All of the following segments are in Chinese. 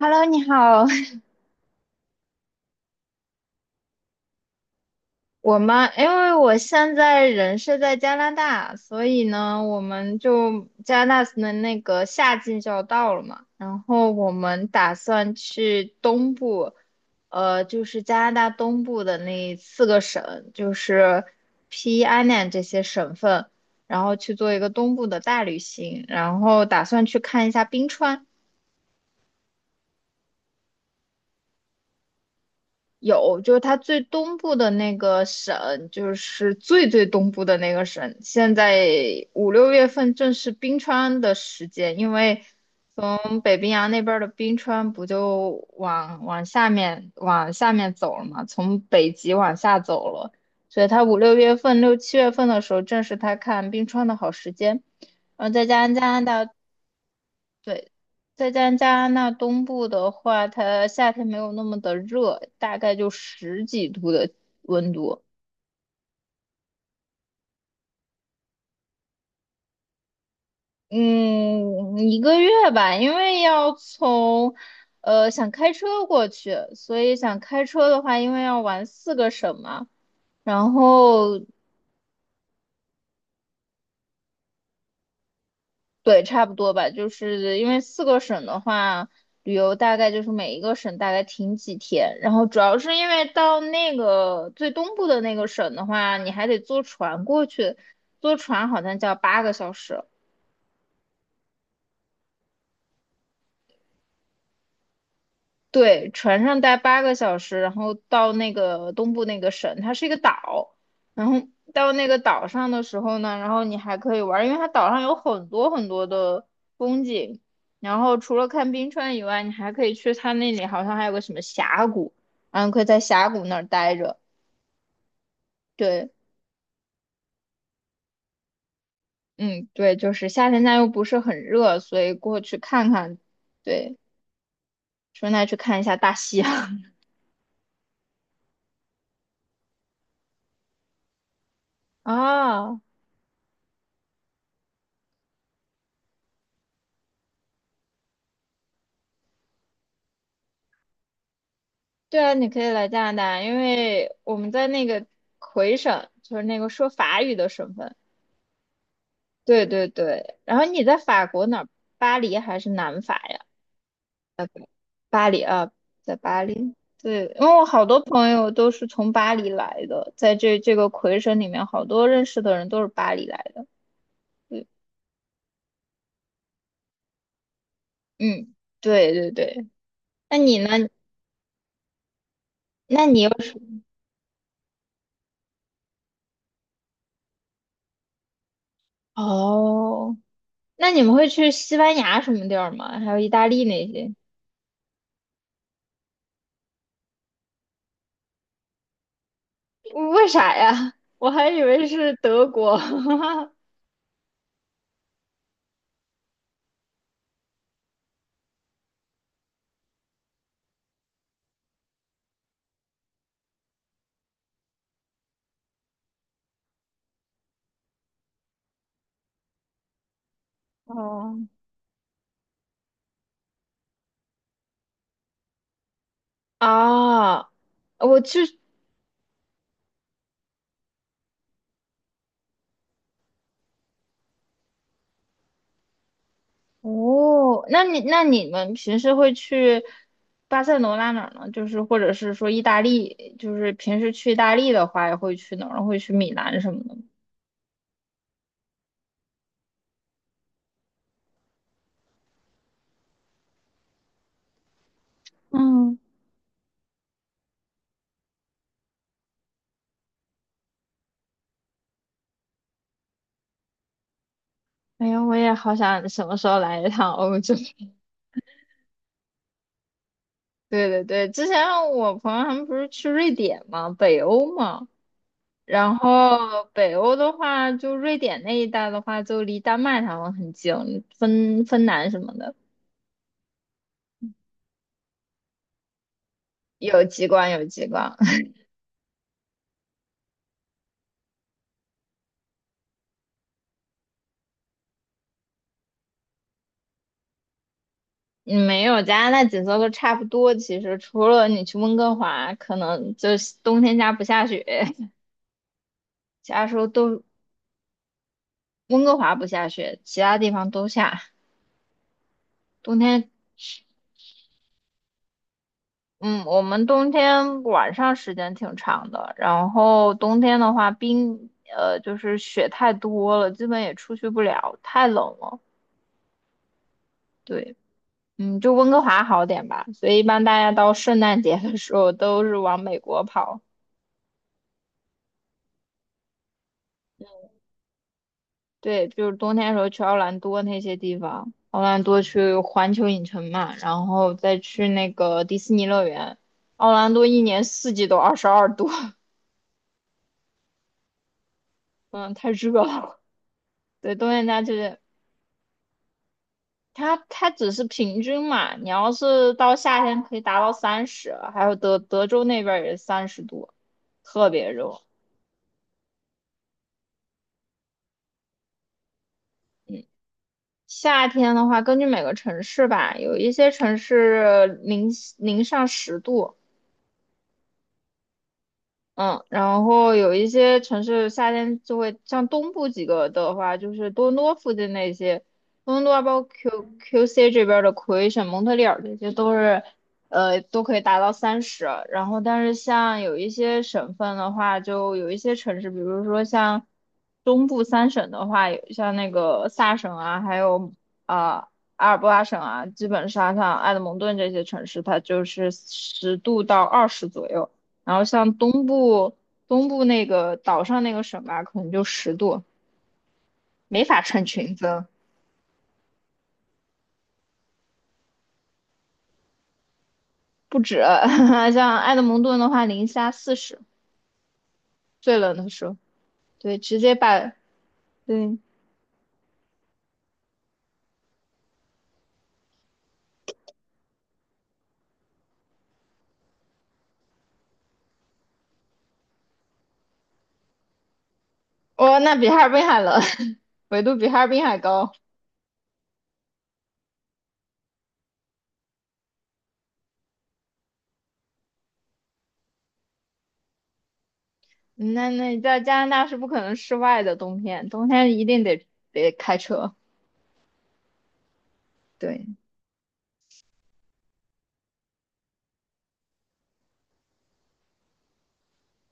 Hello，你好。我们因为我现在人是在加拿大，所以呢，我们就加拿大的那个夏季就要到了嘛，然后我们打算去东部，就是加拿大东部的那四个省，就是西安 i 这些省份，然后去做一个东部的大旅行，然后打算去看一下冰川。有，就是它最东部的那个省，就是最最东部的那个省。现在五六月份正是冰川的时间，因为从北冰洋那边儿的冰川不就往下面走了嘛，从北极往下走了，所以它五六月份、六七月份的时候，正是它看冰川的好时间。然后再加上加拿大对，再加上加拿大东部的话，它夏天没有那么的热，大概就十几度的温度。嗯，一个月吧，因为要从，想开车过去，所以想开车的话，因为要玩四个省嘛，然后对，差不多吧，就是因为四个省的话，旅游大概就是每一个省大概停几天，然后主要是因为到那个最东部的那个省的话，你还得坐船过去，坐船好像就要八个小时，对，船上待八个小时，然后到那个东部那个省，它是一个岛。然后到那个岛上的时候呢，然后你还可以玩儿因为它岛上有很多很多的风景。然后除了看冰川以外，你还可以去它那里，好像还有个什么峡谷，然后可以在峡谷那儿待着。对，嗯，对，就是夏天家又不是很热，所以过去看看。对，顺带去看一下大西洋 啊。对啊，你可以来加拿大，因为我们在那个魁省，就是那个说法语的省份。对对对，然后你在法国哪儿？巴黎还是南法呀？巴黎啊，在巴黎。对，因为我好多朋友都是从巴黎来的，在这个魁省里面，好多认识的人都是巴黎来的。对，嗯，对对对。那你呢？那你又是哦，那你们会去西班牙什么地儿吗？还有意大利那些？为啥呀？我还以为是德国 哦啊，我去哦，那你那你们平时会去巴塞罗那哪儿呢？就是或者是说意大利，就是平时去意大利的话，也会去哪儿？会去米兰什么的吗嗯，哎呀，我也好想什么时候来一趟欧洲。对对对，之前我朋友他们不是去瑞典吗？北欧吗？然后北欧的话，就瑞典那一带的话，就离丹麦他们很近，芬兰什么的有极光，有极光。嗯没有加拿大景色都差不多，其实除了你去温哥华，可能就是冬天家不下雪，其他时候都温哥华不下雪，其他地方都下。冬天，嗯，我们冬天晚上时间挺长的，然后冬天的话冰，就是雪太多了，基本也出去不了，太冷了。对，嗯，就温哥华好点吧，所以一般大家到圣诞节的时候都是往美国跑。对，就是冬天的时候去奥兰多那些地方，奥兰多去环球影城嘛，然后再去那个迪士尼乐园。奥兰多一年四季都22度，嗯，太热了。对，冬天家就是它，它只是平均嘛，你要是到夏天可以达到三十，还有德州那边儿也30度，特别热。夏天的话，根据每个城市吧，有一些城市零上十度，嗯，然后有一些城市夏天就会，像东部几个的话，就是多伦多附近那些，多伦多啊包括 QC 这边儿的魁省、蒙特利尔这些都是，都可以达到三十。然后，但是像有一些省份的话，就有一些城市，比如说像东部三省的话，有像那个萨省啊，还有啊、阿尔伯拉省啊，基本上像埃德蒙顿这些城市，它就是10度到20左右。然后像东部东部那个岛上那个省吧，可能就十度，没法穿裙子，不止。像埃德蒙顿的话，零下40，最冷的时候，对，直接把，对，哦，那比哈尔滨还冷，纬度比哈尔滨还高。那你在加拿大是不可能室外的，冬天一定得开车。对，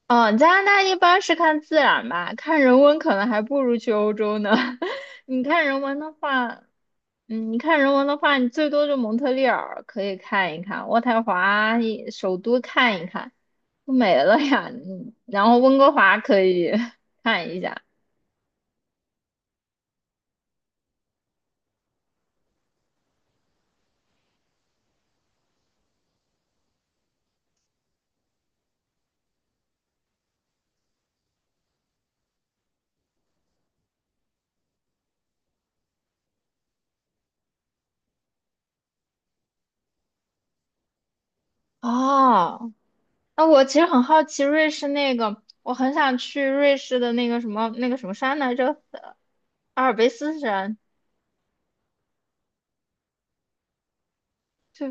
嗯，加拿大一般是看自然吧，看人文可能还不如去欧洲呢。你看人文的话。嗯，你看人文的话，你最多就蒙特利尔可以看一看，渥太华也首都看一看，就没了呀。嗯，然后温哥华可以 看一下。哦，那我其实很好奇瑞士那个，我很想去瑞士的那个什么那个什么山来着，阿尔卑斯山，就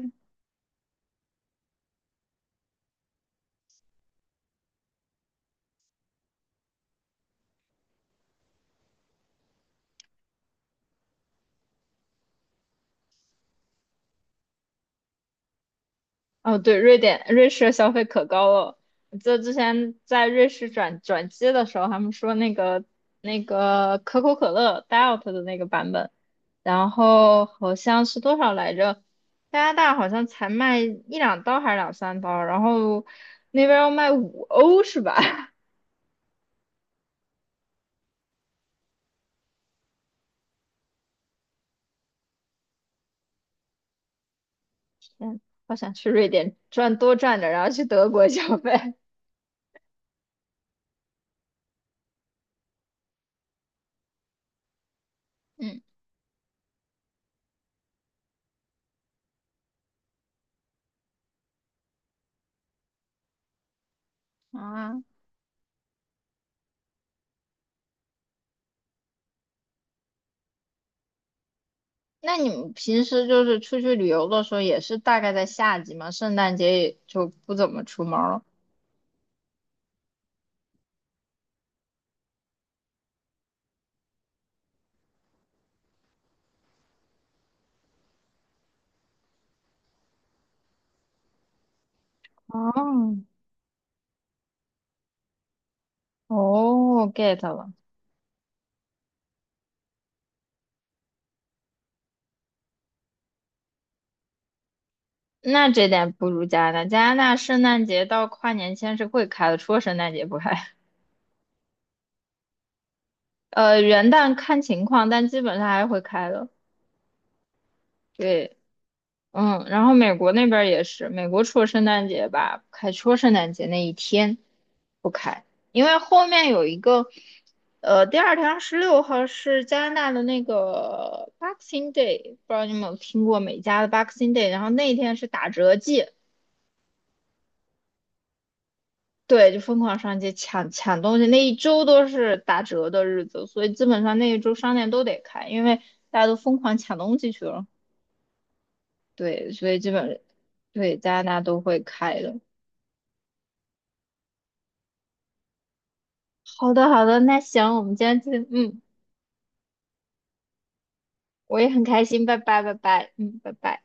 哦，对，瑞典、瑞士的消费可高了。我记得之前在瑞士转机的时候，他们说那个那个可口可乐 Diet 的那个版本，然后好像是多少来着？加拿大好像才卖一两刀还是两三刀，然后那边要卖五欧是吧？天，好想去瑞典赚多赚点，然后去德国消费。嗯，啊。那你们平时就是出去旅游的时候，也是大概在夏季嘛？圣诞节也就不怎么出门了。哦，哦，get 了。那这点不如加拿大。加拿大圣诞节到跨年前是会开的，除了圣诞节不开。元旦看情况，但基本上还是会开的。对。嗯，然后美国那边儿也是，美国除了圣诞节吧，不开除了圣诞节那一天不开，因为后面有一个，呃，第二天26号是加拿大的那个 Boxing Day，不知道你们有听过美加的 Boxing Day，然后那一天是打折季，对，就疯狂上街抢东西，那一周都是打折的日子，所以基本上那一周商店都得开，因为大家都疯狂抢东西去了，对，所以基本对加拿大都会开的。好的，好的，那行，我们今天就，嗯，我也很开心，拜拜，拜拜，嗯，拜拜。